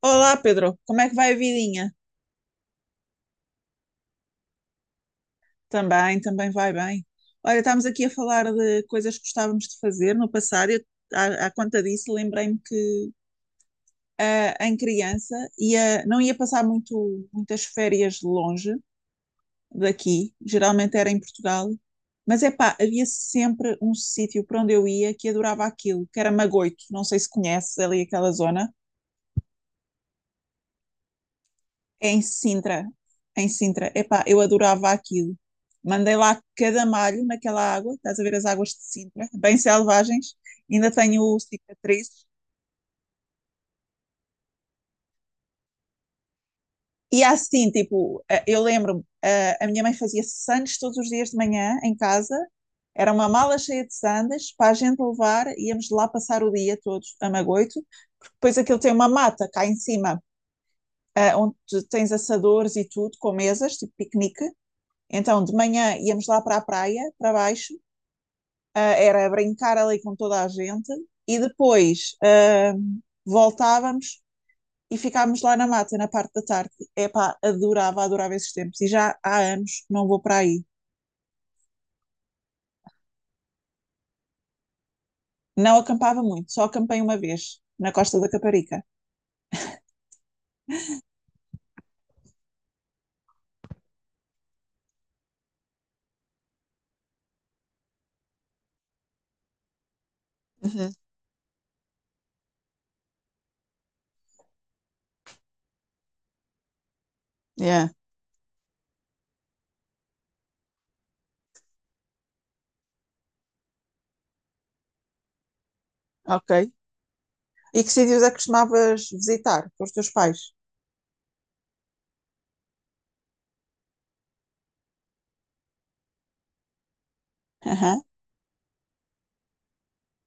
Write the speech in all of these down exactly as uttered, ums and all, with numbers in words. Olá, Pedro. Como é que vai a vidinha? Também, também vai bem. Olha, estamos aqui a falar de coisas que gostávamos de fazer no passado. Eu, à, à conta disso, lembrei-me que ah, em criança ia, não ia passar muito, muitas férias longe daqui. Geralmente era em Portugal. Mas é pá, havia sempre um sítio para onde eu ia que adorava aquilo, que era Magoito. Não sei se conheces ali aquela zona. Em Sintra. Em Sintra. Epá, eu adorava aquilo. Mandei lá cada malho naquela água, estás a ver as águas de Sintra, bem selvagens, ainda tenho cicatrizes. E há assim, tipo, eh, eu lembro-me, eh, a minha mãe fazia sandes todos os dias de manhã em casa, era uma mala cheia de sandes para a gente levar, íamos lá passar o dia todos a Magoito, porque depois aquilo tem uma mata cá em cima, eh, onde tu tens assadores e tudo, com mesas, tipo piquenique. Então, de manhã íamos lá para a praia, para baixo, ah, era brincar ali com toda a gente e depois ah, voltávamos e ficávamos lá na mata, na parte da tarde. Epá, adorava, adorava esses tempos e já há anos que não vou para aí. Não acampava muito, só acampei uma vez, na Costa da Caparica. Uhum. Yeah, ok. E que sítios é que costumavas visitar com os teus pais?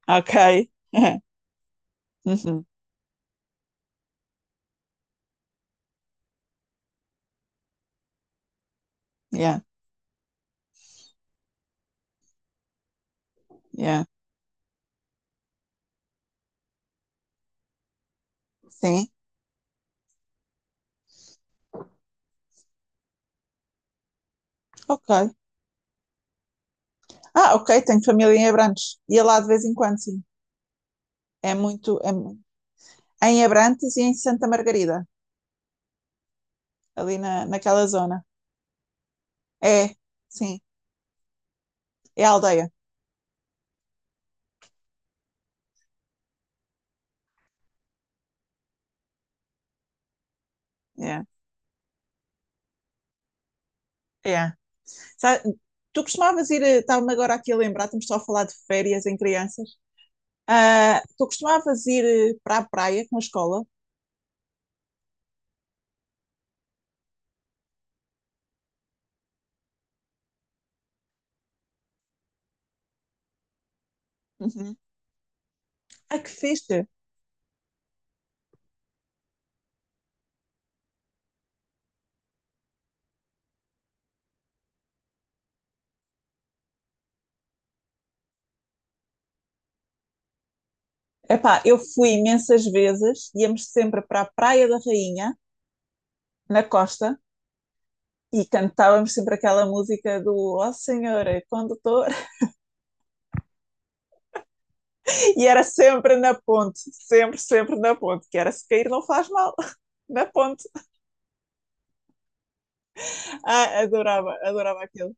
Ok. Uhum. Yeah, yeah. Sim, ok. Ah, ok, tenho família em Abrantes. Ia lá de vez em quando, sim. É muito. É, mu- em Abrantes e em Santa Margarida, ali na, naquela zona. É, sim, é a aldeia. Yeah, yeah. Sa- Tu costumavas ir, eh, estava-me agora aqui a lembrar, estamos só a falar de férias em crianças. Ah, tu costumavas ir eh, para a praia com a escola? Uhum. Ah, que fixe! Epá, eu fui imensas vezes, íamos sempre para a Praia da Rainha, na costa, e cantávamos sempre aquela música do Oh Senhor, quando estou. E era sempre na ponte, sempre, sempre na ponte, que era se cair não faz mal, na ponte. Ah, adorava, adorava aquilo.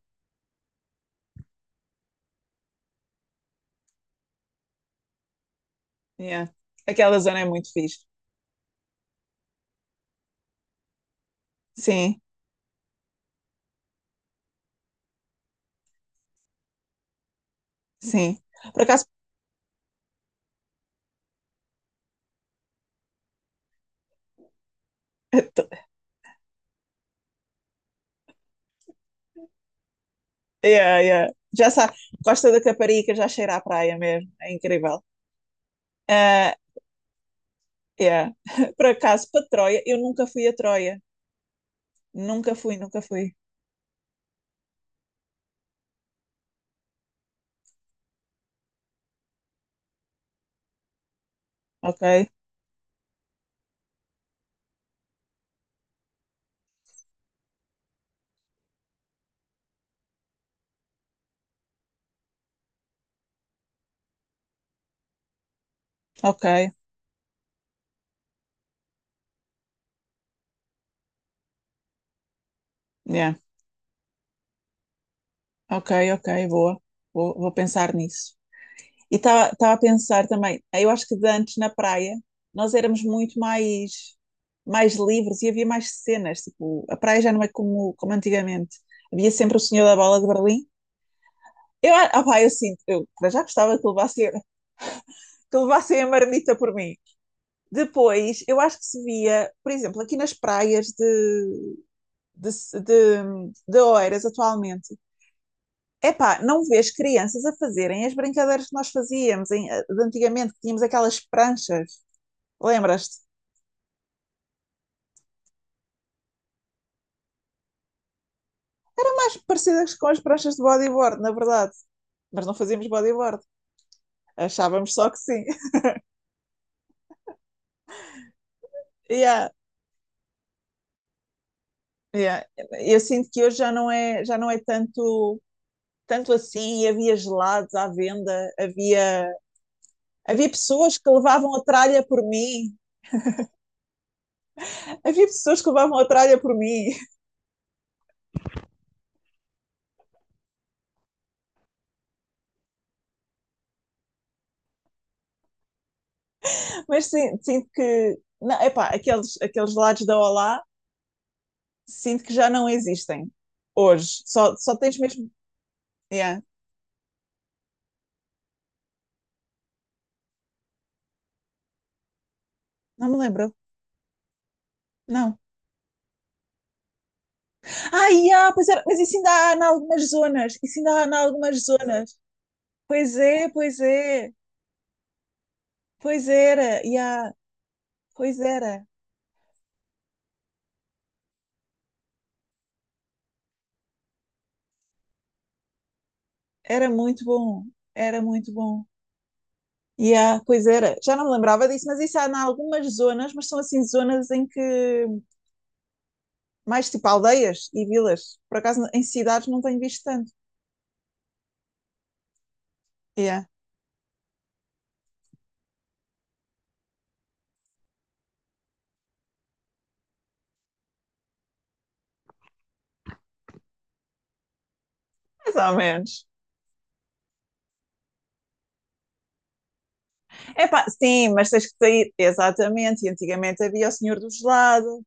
Yeah. Aquela zona é muito fixe. Sim, sim. Por acaso, yeah, yeah. Já sabe, Costa da Caparica já cheira à praia mesmo, é incrível. Ah, yeah. Por acaso, para Troia, eu nunca fui a Troia, nunca fui, nunca fui. Ok, ok, yeah. Ok, ok, boa, vou, vou pensar nisso. E estava a pensar também, eh, eu acho que de antes na praia nós éramos muito mais, mais livres e havia mais cenas. Tipo, a praia já não é como, como antigamente. Havia sempre o Senhor da Bola de Berlim. Eu, ah, ah, pá, eu sinto, eu para já gostava que levassem que levassem a marmita por mim. Depois, eu acho que se via, por exemplo, aqui nas praias de, de, de, de Oeiras atualmente, epá, não vês crianças a fazerem as brincadeiras que nós fazíamos em, eh, de antigamente, que tínhamos aquelas pranchas. Lembras-te? Mais parecidas com as pranchas de bodyboard, na verdade. Mas não fazíamos bodyboard. Achávamos só que sim. Yeah, yeah. Eu sinto que hoje já não é, já não é tanto, tanto assim. Havia gelados à venda, havia, havia pessoas que levavam a tralha por mim. Havia pessoas que levavam a tralha por mim. Mas sim, sinto que. Não, epá, aqueles, aqueles gelados da Olá, sinto que já não existem hoje. Só, só tens mesmo. Yeah. Não me lembro. Não. Ai, ah, pois era, mas isso ainda há em algumas zonas. Isso ainda há em algumas zonas. Pois é, pois é. Pois era, yeah, pois era. Era muito bom. Era muito bom. Yeah, pois era. Já não me lembrava disso, mas isso há em algumas zonas, mas são assim zonas em que mais tipo aldeias e vilas. Por acaso em cidades não tenho visto tanto. Yeah. Mais ou menos. Epá, sim, mas tens que sair. Exatamente. E antigamente havia o Senhor do Gelado.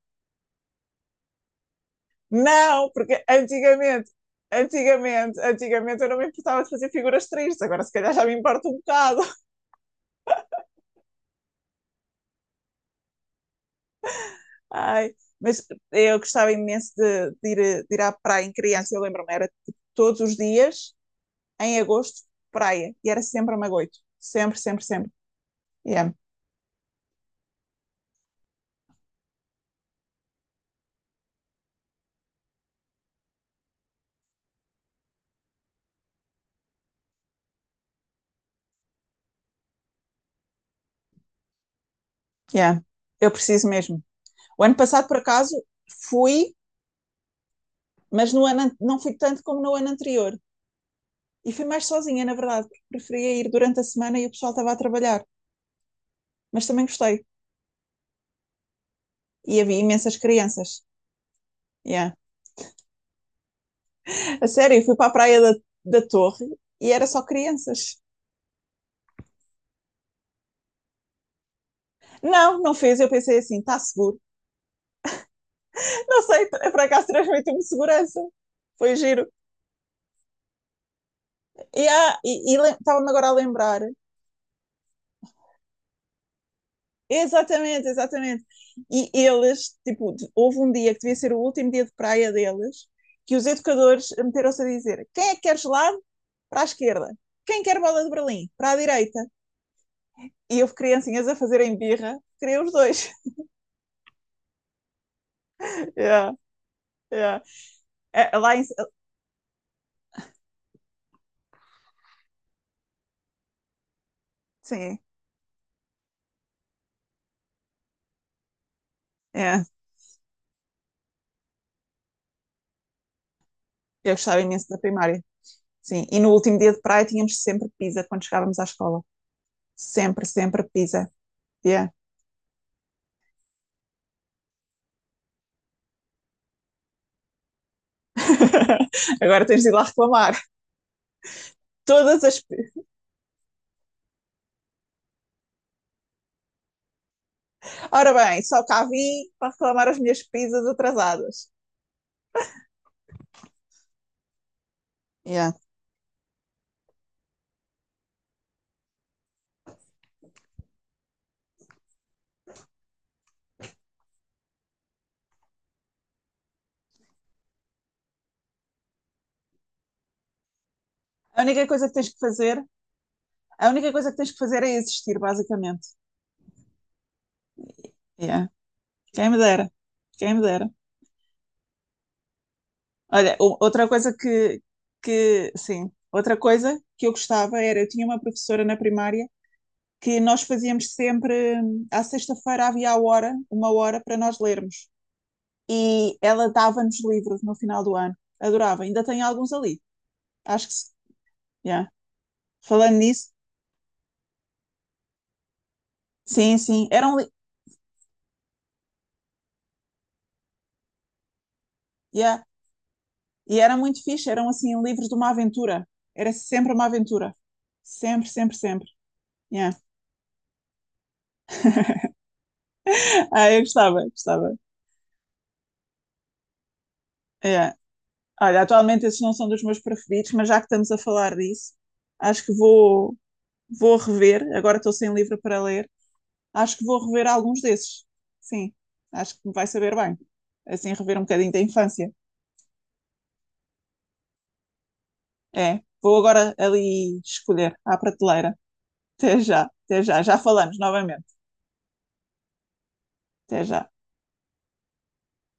Não, porque antigamente, antigamente, antigamente eu não me importava de fazer figuras tristes, agora se calhar já me importa um bocado. Ai, mas eu gostava imenso de, de ir, de ir à praia em criança, eu lembro-me, era tipo, todos os dias, em agosto, praia, e era sempre a Magoito, sempre, sempre, sempre. Yeah, yeah. Eu preciso mesmo. O ano passado, por acaso, fui, mas no ano, an- não fui tanto como no ano anterior. E fui mais sozinha, na verdade, porque preferia ir durante a semana e o pessoal estava a trabalhar. Mas também gostei. E havia imensas crianças. Yeah. A sério, eu fui para a praia da, da Torre e era só crianças. Não, não fez. Eu pensei assim, está seguro. Não sei, por acaso transmitiu-me segurança. Foi giro. Yeah, e e estava-me agora a lembrar. Exatamente, exatamente. E eles, tipo, houve um dia que devia ser o último dia de praia deles, que os educadores meteram-se a dizer: quem é que quer gelado? Para a esquerda. Quem quer bola de Berlim? Para a direita. E houve criancinhas a fazerem birra, queria os dois. Yeah. É, é, lá em, sim, é. Eu gostava imenso da primária. Sim, e no último dia de praia tínhamos sempre pizza quando chegávamos à escola. Sempre, sempre pizza. Yeah. Agora tens de ir lá reclamar. Todas as. pi- Ora bem, só cá vim para reclamar as minhas pizzas atrasadas. Yeah. A única coisa que tens que fazer, a única coisa que tens que fazer é existir, basicamente. Yeah. Quem me dera. Quem me dera. Olha, o- outra coisa que, que, sim, outra coisa que eu gostava era, eu tinha uma professora na primária que nós fazíamos sempre, hum, à sexta-feira havia a hora, uma hora para nós lermos. E ela dava-nos livros no final do ano. Adorava, ainda tem alguns ali. Acho que, se- Yeah. Falando nisso, sim, sim, eram, li- Yeah. E era muito fixe, eram assim livros de uma aventura. Era sempre uma aventura. Sempre, sempre, sempre. Yeah. Ah, eu gostava, gostava. Yeah. Olha, atualmente esses não são dos meus preferidos, mas já que estamos a falar disso, acho que vou, vou rever. Agora estou sem livro para ler. Acho que vou rever alguns desses. Sim, acho que me vai saber bem. Assim, rever um bocadinho da infância. É, vou agora ali escolher à prateleira. Até já, até já. Já falamos novamente. Até já.